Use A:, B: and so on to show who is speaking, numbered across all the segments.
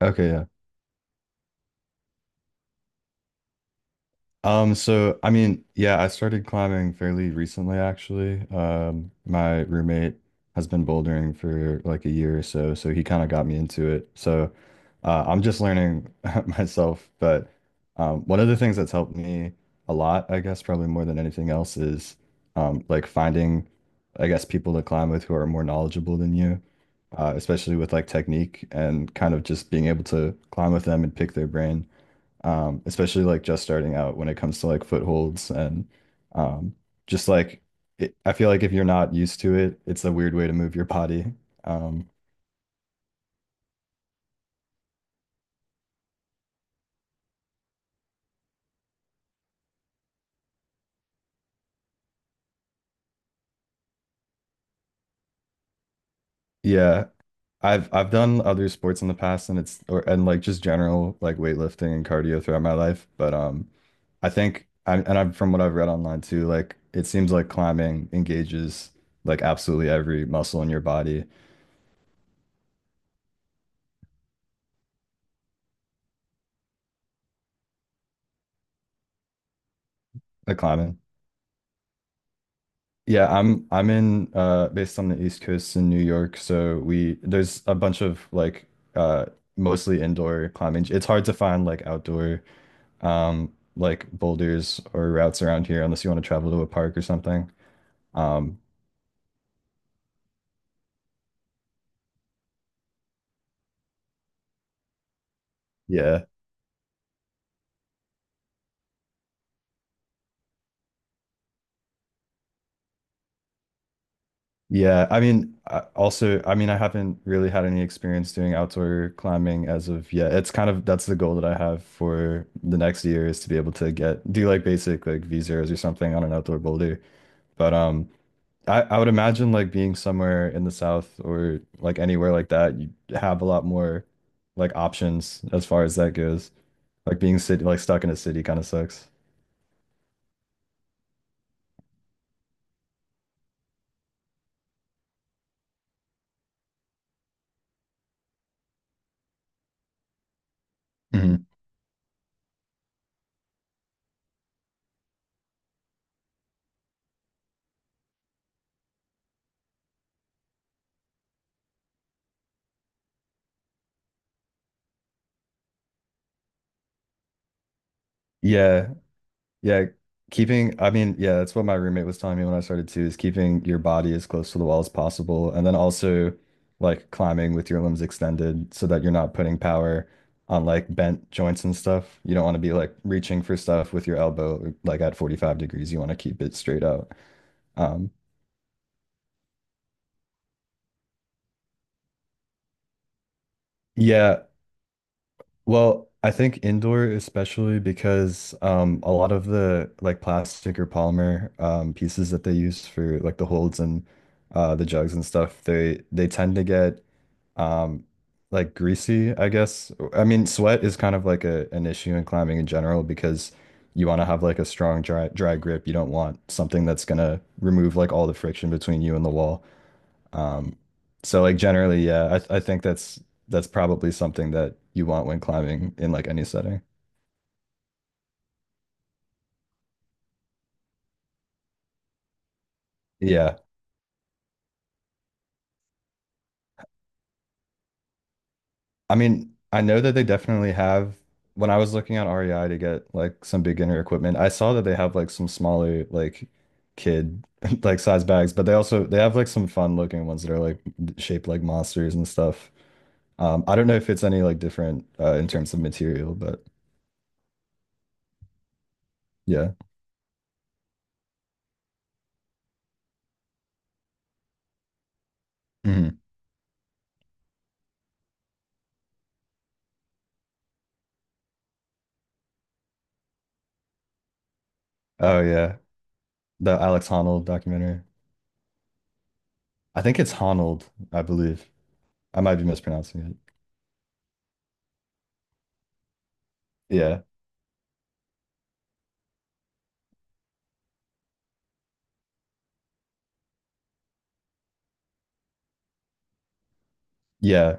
A: Okay, yeah. So I mean, yeah, I started climbing fairly recently actually. My roommate has been bouldering for like a year or so, so he kind of got me into it. So, I'm just learning myself, but one of the things that's helped me a lot, I guess, probably more than anything else is like finding, I guess, people to climb with who are more knowledgeable than you, especially with like technique and kind of just being able to climb with them and pick their brain. Especially like just starting out when it comes to like footholds and um, just like it, I feel like if you're not used to it, it's a weird way to move your body. Um, yeah, I've done other sports in the past and it's or and like just general like weightlifting and cardio throughout my life, but I think I've from what I've read online too, like it seems like climbing engages like absolutely every muscle in your body. Like climbing. Yeah, I'm in based on the East Coast in New York, so we there's a bunch of like uh mostly indoor climbing. It's hard to find like outdoor like boulders or routes around here unless you want to travel to a park or something. Um yeah. Yeah, I mean I also I mean I haven't really had any experience doing outdoor climbing as of yet. It's kind of that's the goal that I have for the next year is to be able to get do like basic like V zeros or something on an outdoor boulder. But I would imagine like being somewhere in the South or like anywhere like that, you have a lot more like options as far as that goes. Like being city like stuck in a city kind of sucks. hmm Yeah. Yeah. Keeping, I mean, yeah, that's what my roommate was telling me when I started too, is keeping your body as close to the wall as possible. And then also like climbing with your limbs extended so that you're not putting power on like bent joints and stuff. You don't want to be like reaching for stuff with your elbow like at 45 degrees. You want to keep it straight out. Um, Yeah, well, I think indoor especially because a lot of the like plastic or polymer pieces that they use for like the holds and the jugs and stuff, they tend to get um like greasy, I guess. I mean, sweat is kind of like a an issue in climbing in general because you want to have like a strong dry grip. You don't want something that's gonna remove like all the friction between you and the wall. Um, so like generally, yeah, I think that's probably something that you want when climbing in like any setting. Yeah. I mean, I know that they definitely have when I was looking on REI to get like some beginner equipment, I saw that they have like some smaller like kid like size bags, but they have like some fun looking ones that are like shaped like monsters and stuff. I don't know if it's any like different in terms of material, but yeah. Mhm. Oh yeah. The Alex Honnold documentary. I think it's Honold, I believe. I might be mispronouncing it. Yeah. Yeah.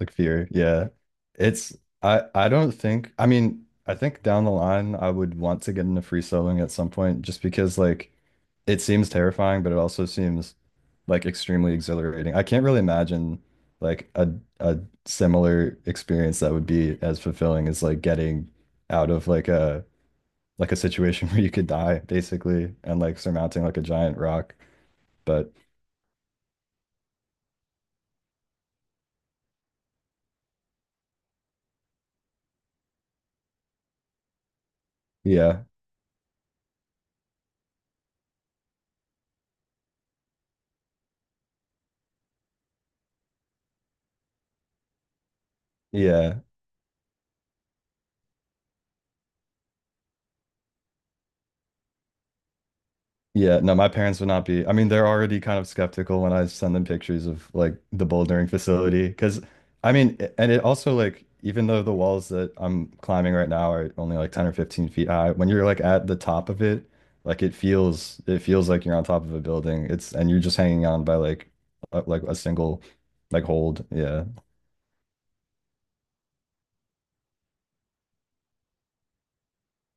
A: Like fear. Yeah. It's I don't think I mean, I think down the line I would want to get into free soloing at some point just because like it seems terrifying, but it also seems like extremely exhilarating. I can't really imagine like a similar experience that would be as fulfilling as like getting out of like a situation where you could die basically and like surmounting like a giant rock. But yeah. Yeah. Yeah. No, my parents would not be. I mean, they're already kind of skeptical when I send them pictures of like the bouldering facility. Cause I mean, I- and it also like, even though the walls that I'm climbing right now are only like 10 or 15 feet high, when you're like at the top of it, like it feels like you're on top of a building. It's, and you're just hanging on by like, like a single like hold. Yeah.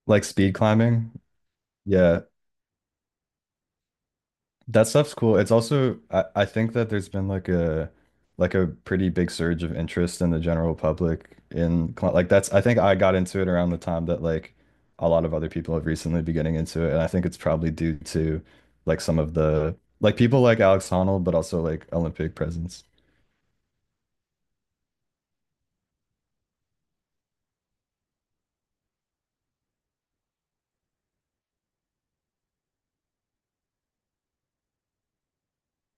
A: Like speed climbing. Yeah. That stuff's cool. It's also I think that there's been like a pretty big surge of interest in the general public in like that's I think I got into it around the time that like a lot of other people have recently been getting into it and I think it's probably due to like some of the like people like Alex Honnold but also like Olympic presence.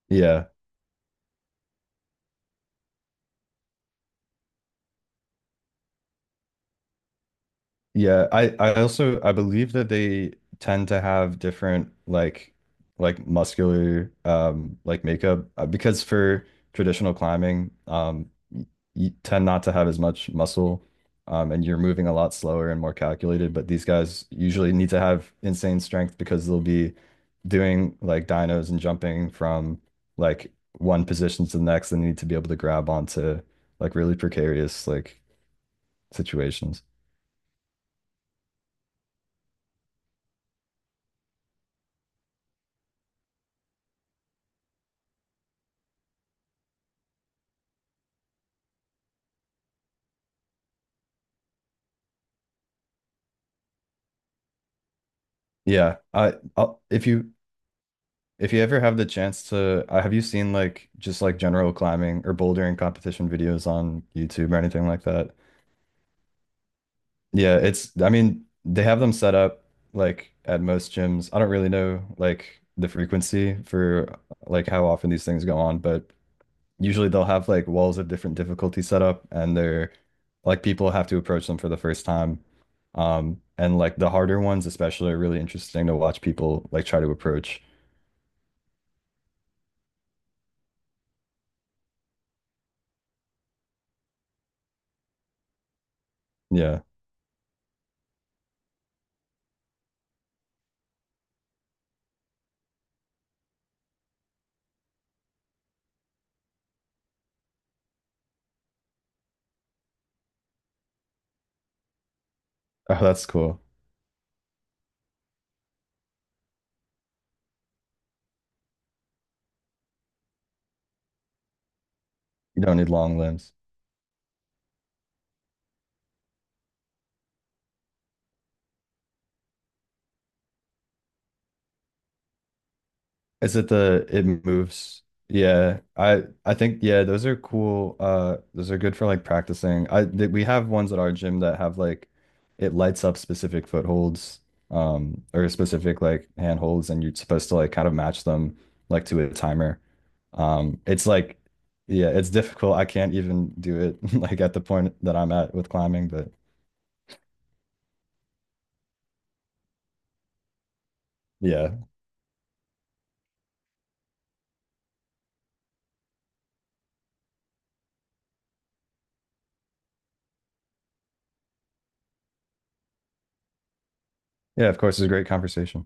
A: Yeah. Yeah, I also I believe that they tend to have different like muscular like makeup because for traditional climbing you tend not to have as much muscle and you're moving a lot slower and more calculated but these guys usually need to have insane strength because they'll be doing like dynos and jumping from like one position to the next and need to be able to grab onto like really precarious like situations. Yeah, if you ever have the chance to, have you seen like just like general climbing or bouldering competition videos on YouTube or anything like that? Yeah, it's I mean they have them set up like at most gyms. I don't really know like the frequency for like how often these things go on, but usually they'll have like walls of different difficulty set up and they're like people have to approach them for the first time. And like the harder ones especially are really interesting to watch people like try to approach. Yeah. Oh, that's cool. You don't need long limbs. Is it the it moves? Yeah, I think yeah, those are cool. Those are good for like practicing. I th We have ones at our gym that have like it lights up specific footholds, or specific like handholds, and you're supposed to like kind of match them like to a timer. It's like yeah, it's difficult. I can't even do it like at the point that I'm at with climbing, but yeah, yeah. Of course, it's a great conversation.